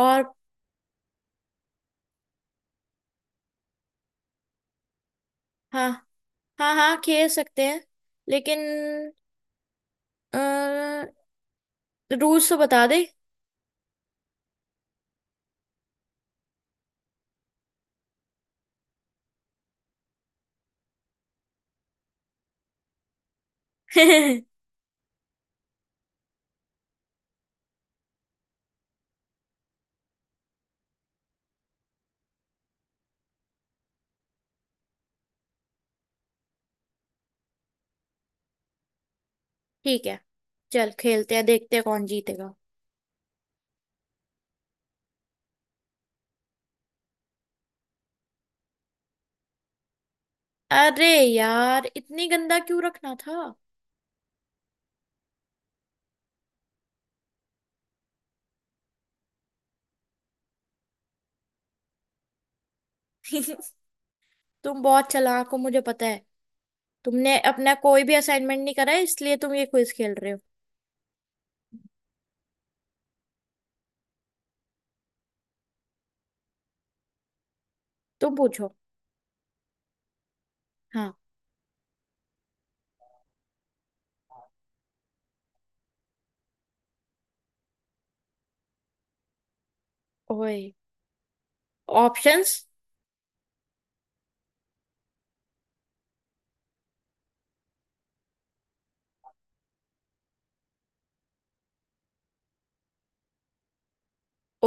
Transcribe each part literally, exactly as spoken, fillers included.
और हाँ हाँ हाँ, खेल सकते हैं। लेकिन रूल्स तो बता दे। ठीक है, चल खेलते हैं, देखते हैं कौन जीतेगा। अरे यार, इतनी गंदा क्यों रखना था। तुम बहुत चालाक हो मुझे पता है। तुमने अपना कोई भी असाइनमेंट नहीं करा है इसलिए तुम ये क्विज खेल रहे हो। तुम पूछो। हाँ। ओए। ऑप्शंस।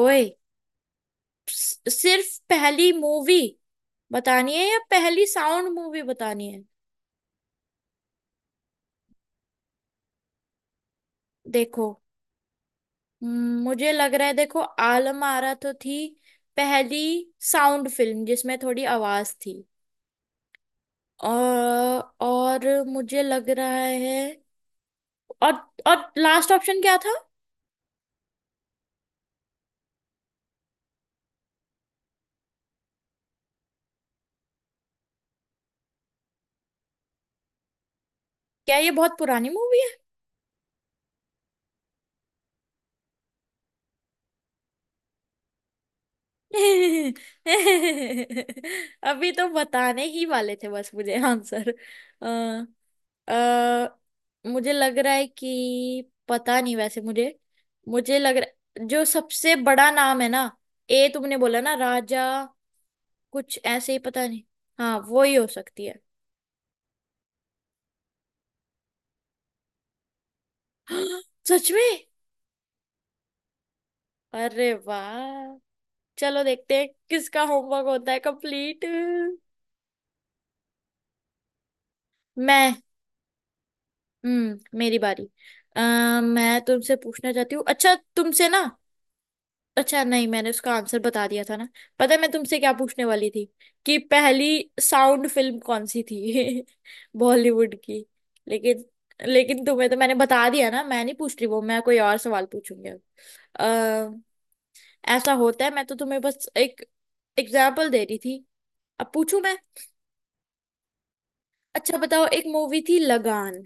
ओए, स- सिर्फ पहली मूवी बतानी है या पहली साउंड मूवी बतानी है। देखो, हम्म, मुझे लग रहा है, देखो आलम आरा तो थी पहली साउंड फिल्म जिसमें थोड़ी आवाज थी। और और मुझे लग रहा है। और और लास्ट ऑप्शन क्या था। क्या ये बहुत पुरानी मूवी है? अभी तो बताने ही वाले थे बस मुझे आंसर। अ अ, मुझे लग रहा है कि पता नहीं, वैसे मुझे मुझे लग रहा जो सबसे बड़ा नाम है ना, ए तुमने बोला ना राजा, कुछ ऐसे ही, पता नहीं। हाँ वो ही हो सकती है। सच में? अरे वाह। चलो देखते हैं किसका होमवर्क होता है कंप्लीट। मैं। हम्म, मेरी बारी। आ, मैं तुमसे पूछना चाहती हूँ। अच्छा तुमसे ना, अच्छा नहीं, मैंने उसका आंसर बता दिया था ना। पता है मैं तुमसे क्या पूछने वाली थी? कि पहली साउंड फिल्म कौन सी थी। बॉलीवुड की। लेकिन लेकिन तुम्हें तो मैंने बता दिया ना, मैं नहीं पूछ रही वो, मैं कोई और सवाल पूछूंगी अब। ऐसा होता है, मैं तो तुम्हें बस एक एग्जाम्पल दे रही थी। अब पूछूं मैं। अच्छा बताओ, एक मूवी थी लगान,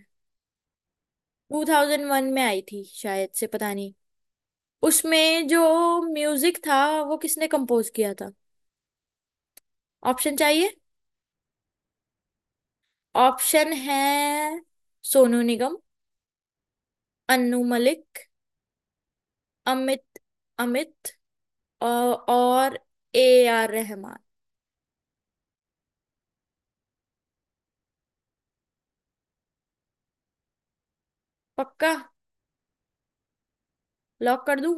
ट्वेंटी ओ वन में आई थी शायद, से पता नहीं। उसमें जो म्यूजिक था वो किसने कंपोज किया था? ऑप्शन चाहिए? ऑप्शन है सोनू निगम, अन्नू मलिक, अमित अमित अ, और ए आर रहमान। पक्का, लॉक कर दूं?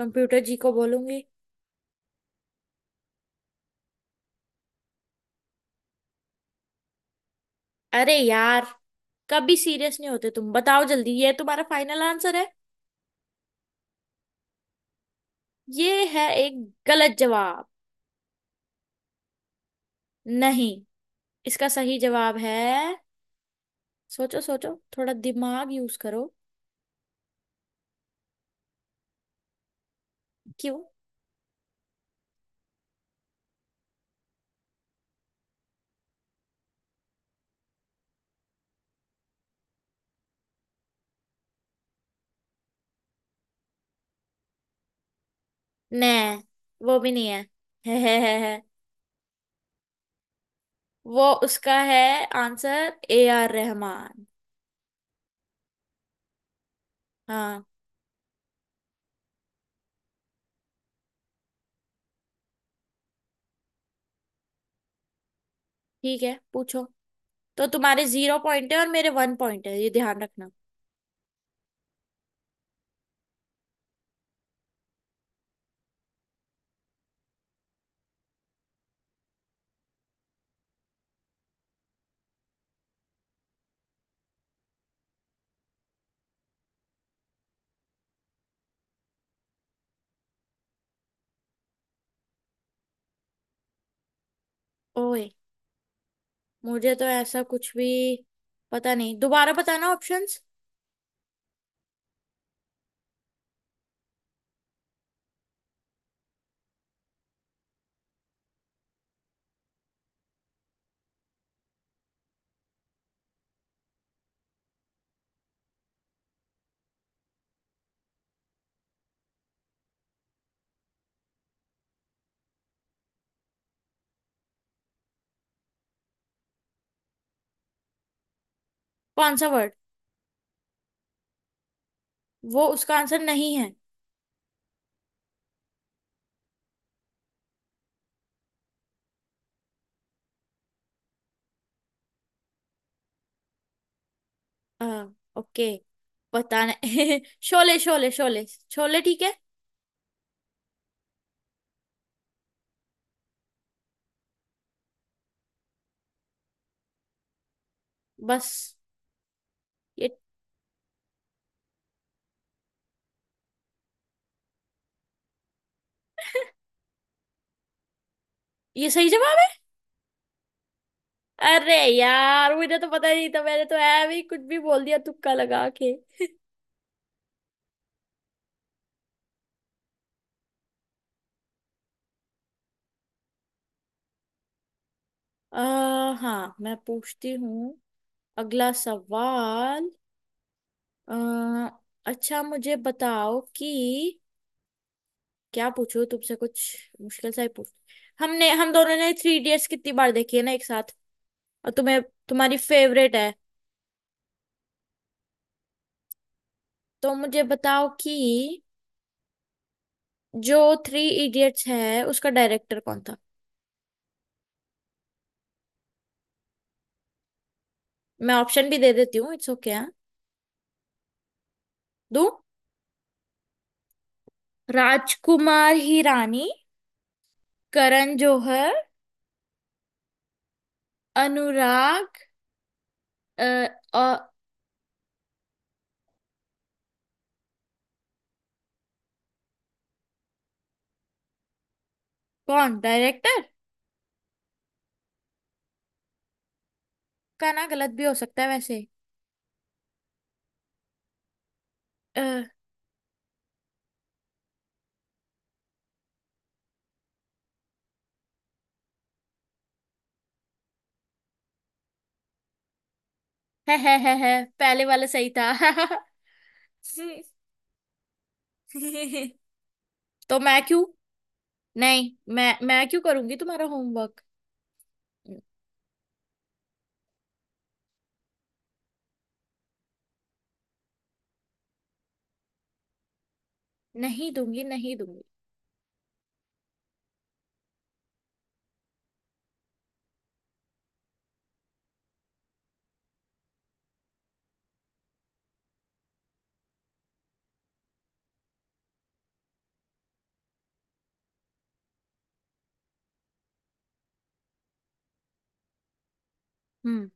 कंप्यूटर जी को बोलूंगी। अरे यार, कभी सीरियस नहीं होते तुम। बताओ जल्दी, ये तुम्हारा फाइनल आंसर है? ये है एक गलत जवाब। नहीं, इसका सही जवाब है। सोचो सोचो, थोड़ा दिमाग यूज करो। क्यों? ने, वो भी नहीं है, है, है, है, है। वो उसका है आंसर, ए आर रहमान। हाँ ठीक है पूछो। तो तुम्हारे जीरो पॉइंट है और मेरे वन पॉइंट है, ये ध्यान रखना। ओए, मुझे तो ऐसा कुछ भी पता नहीं। दोबारा बताना ऑप्शंस। कौन सा वर्ड? वो उसका आंसर नहीं है। हाँ ओके, पता नहीं। शोले शोले शोले शोले ठीक है। बस ये ये सही जवाब है। अरे यार, मुझे तो पता ही नहीं था, मैंने तो है भी कुछ भी बोल दिया तुक्का लगा के। आ, हाँ मैं पूछती हूँ अगला सवाल। आ, अच्छा मुझे बताओ कि क्या पूछूं तुमसे, कुछ मुश्किल सा ही पूछ। हमने हम दोनों ने थ्री इडियट्स कितनी बार देखी है ना एक साथ, और तुम्हें, तुम्हारी फेवरेट है। तो मुझे बताओ कि जो थ्री इडियट्स है उसका डायरेक्टर कौन था? मैं ऑप्शन भी दे देती हूँ, इट्स ओके। हाँ दो, राजकुमार हिरानी, करण जौहर, अनुराग अ, अ, कौन डायरेक्टर? का ना, गलत भी हो सकता है वैसे। अ, है, है, है, है, पहले वाला सही था। तो मैं क्यों, नहीं, मैं मैं क्यों करूंगी तुम्हारा होमवर्क। नहीं दूंगी, नहीं दूंगी। हम्म,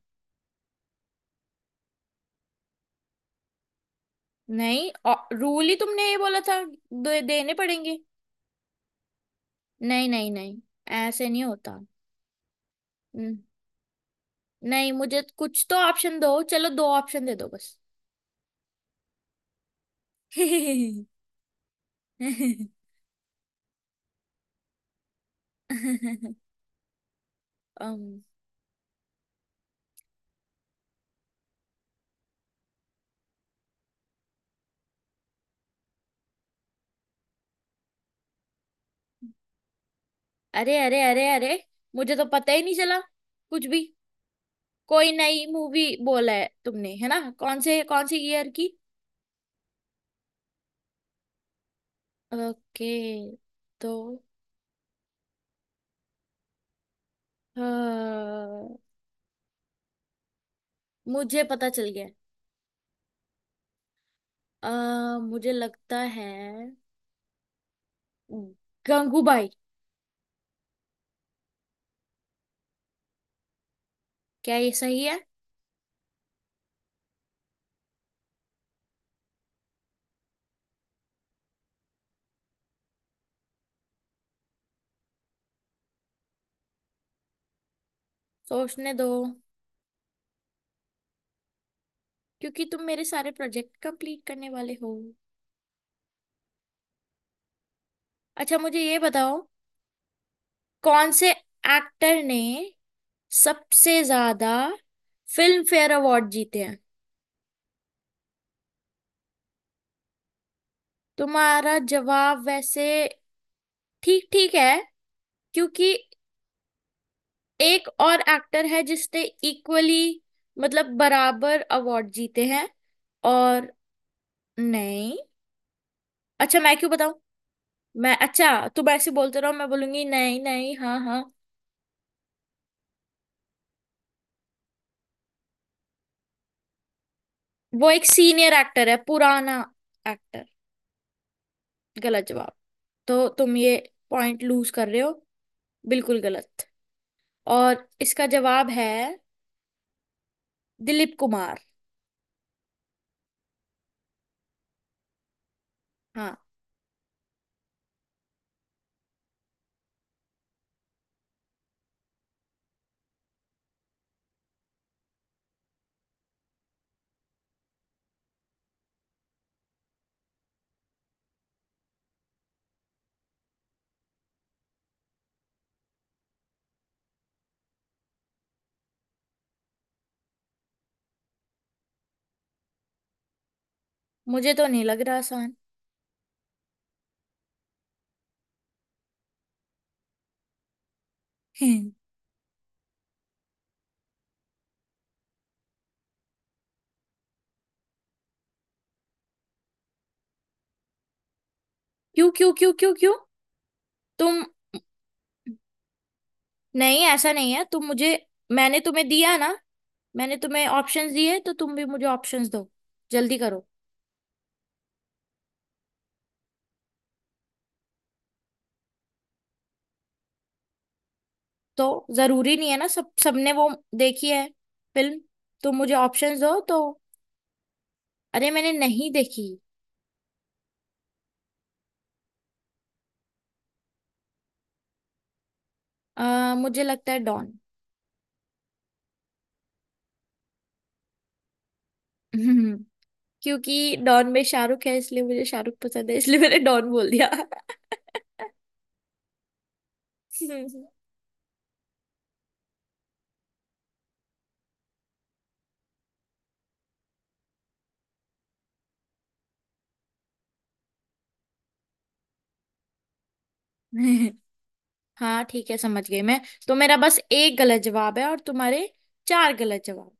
नहीं, रूल ही तुमने ये बोला था, दे, देने पड़ेंगे। नहीं नहीं नहीं, ऐसे नहीं होता। हम्म, नहीं मुझे कुछ तो ऑप्शन दो, चलो दो ऑप्शन दे दो बस। अम, अरे अरे अरे अरे, मुझे तो पता ही नहीं चला कुछ भी। कोई नई मूवी बोला है तुमने है ना, कौन से, कौन सी ईयर की? ओके, तो अ, मुझे पता चल गया। अ, मुझे लगता है गंगूबाई। क्या ये सही है? सोचने दो। क्योंकि तुम मेरे सारे प्रोजेक्ट कंप्लीट करने वाले हो। अच्छा मुझे ये बताओ, कौन से एक्टर ने सबसे ज्यादा फिल्म फेयर अवार्ड जीते हैं? तुम्हारा जवाब वैसे ठीक ठीक है, क्योंकि एक और एक्टर है जिसने इक्वली, मतलब बराबर अवार्ड जीते हैं। और नहीं, अच्छा मैं क्यों बताऊं। मैं, अच्छा तुम ऐसे बोलते रहो, मैं बोलूंगी नहीं नहीं हाँ हाँ। वो एक सीनियर एक्टर है, पुराना एक्टर। गलत जवाब, तो तुम ये पॉइंट लूज कर रहे हो। बिल्कुल गलत, और इसका जवाब है दिलीप कुमार। हाँ मुझे तो नहीं लग रहा आसान। क्यों क्यों क्यों क्यों क्यों? तुम, नहीं ऐसा नहीं है, तुम मुझे, मैंने तुम्हें दिया ना, मैंने तुम्हें ऑप्शंस दिए तो तुम भी मुझे ऑप्शंस दो, जल्दी करो। तो जरूरी नहीं है ना सब, सबने वो देखी है फिल्म। तुम मुझे ऑप्शंस दो तो। अरे मैंने नहीं देखी। आ, मुझे लगता है डॉन। क्योंकि डॉन में शाहरुख है, इसलिए मुझे शाहरुख पसंद है, इसलिए मैंने डॉन बोल दिया। हाँ ठीक है, समझ गई मैं। तो मेरा बस एक गलत जवाब है और तुम्हारे चार गलत जवाब।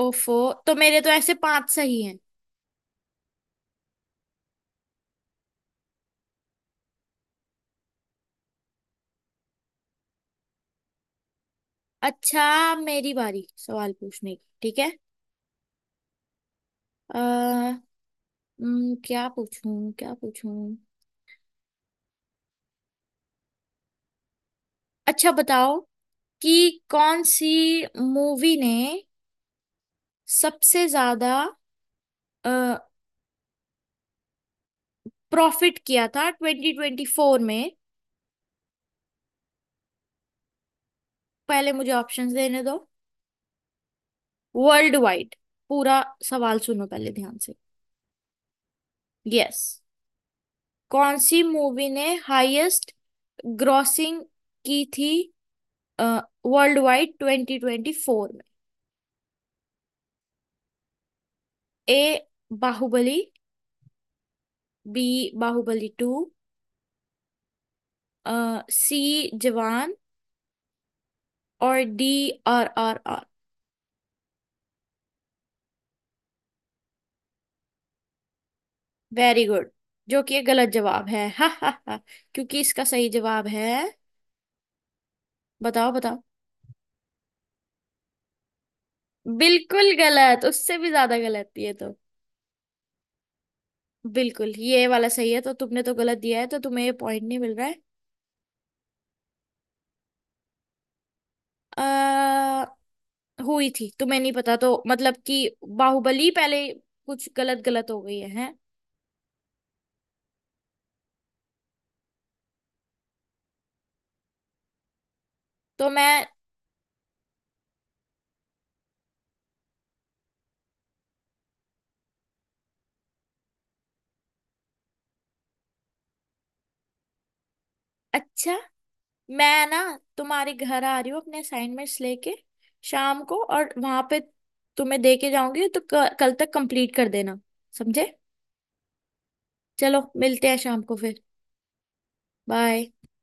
ओफो, तो मेरे तो ऐसे पांच सही हैं। अच्छा मेरी बारी सवाल पूछने की, ठीक है। आ, क्या पूछूं क्या पूछूं। अच्छा बताओ कि कौन सी मूवी ने सबसे ज्यादा प्रॉफिट किया था ट्वेंटी ट्वेंटी फोर में। पहले मुझे ऑप्शंस देने दो। वर्ल्ड वाइड, पूरा सवाल सुनो पहले ध्यान से। यस, कौन सी मूवी ने हाईएस्ट ग्रॉसिंग की थी world wide twenty twenty four में? A Baahubali, B Baahubali two, C Jawan, और D R R R. Very good, जो कि ये गलत जवाब है। हा हा हा, क्योंकि इसका सही जवाब है। बताओ बताओ, बिल्कुल गलत, उससे भी ज्यादा गलत ये तो। बिल्कुल, ये वाला सही है, तो तुमने तो गलत दिया है, तो तुम्हें ये पॉइंट नहीं मिल रहा है। अ हुई थी, तुम्हें नहीं पता तो, मतलब कि बाहुबली पहले कुछ गलत गलत हो गई है, हैं। तो मैं, अच्छा मैं ना, तुम्हारे घर आ रही हूँ अपने असाइनमेंट्स लेके शाम को, और वहां पे तुम्हें दे के जाऊंगी, तो क- कल तक कंप्लीट कर देना, समझे? चलो मिलते हैं शाम को फिर। बाय।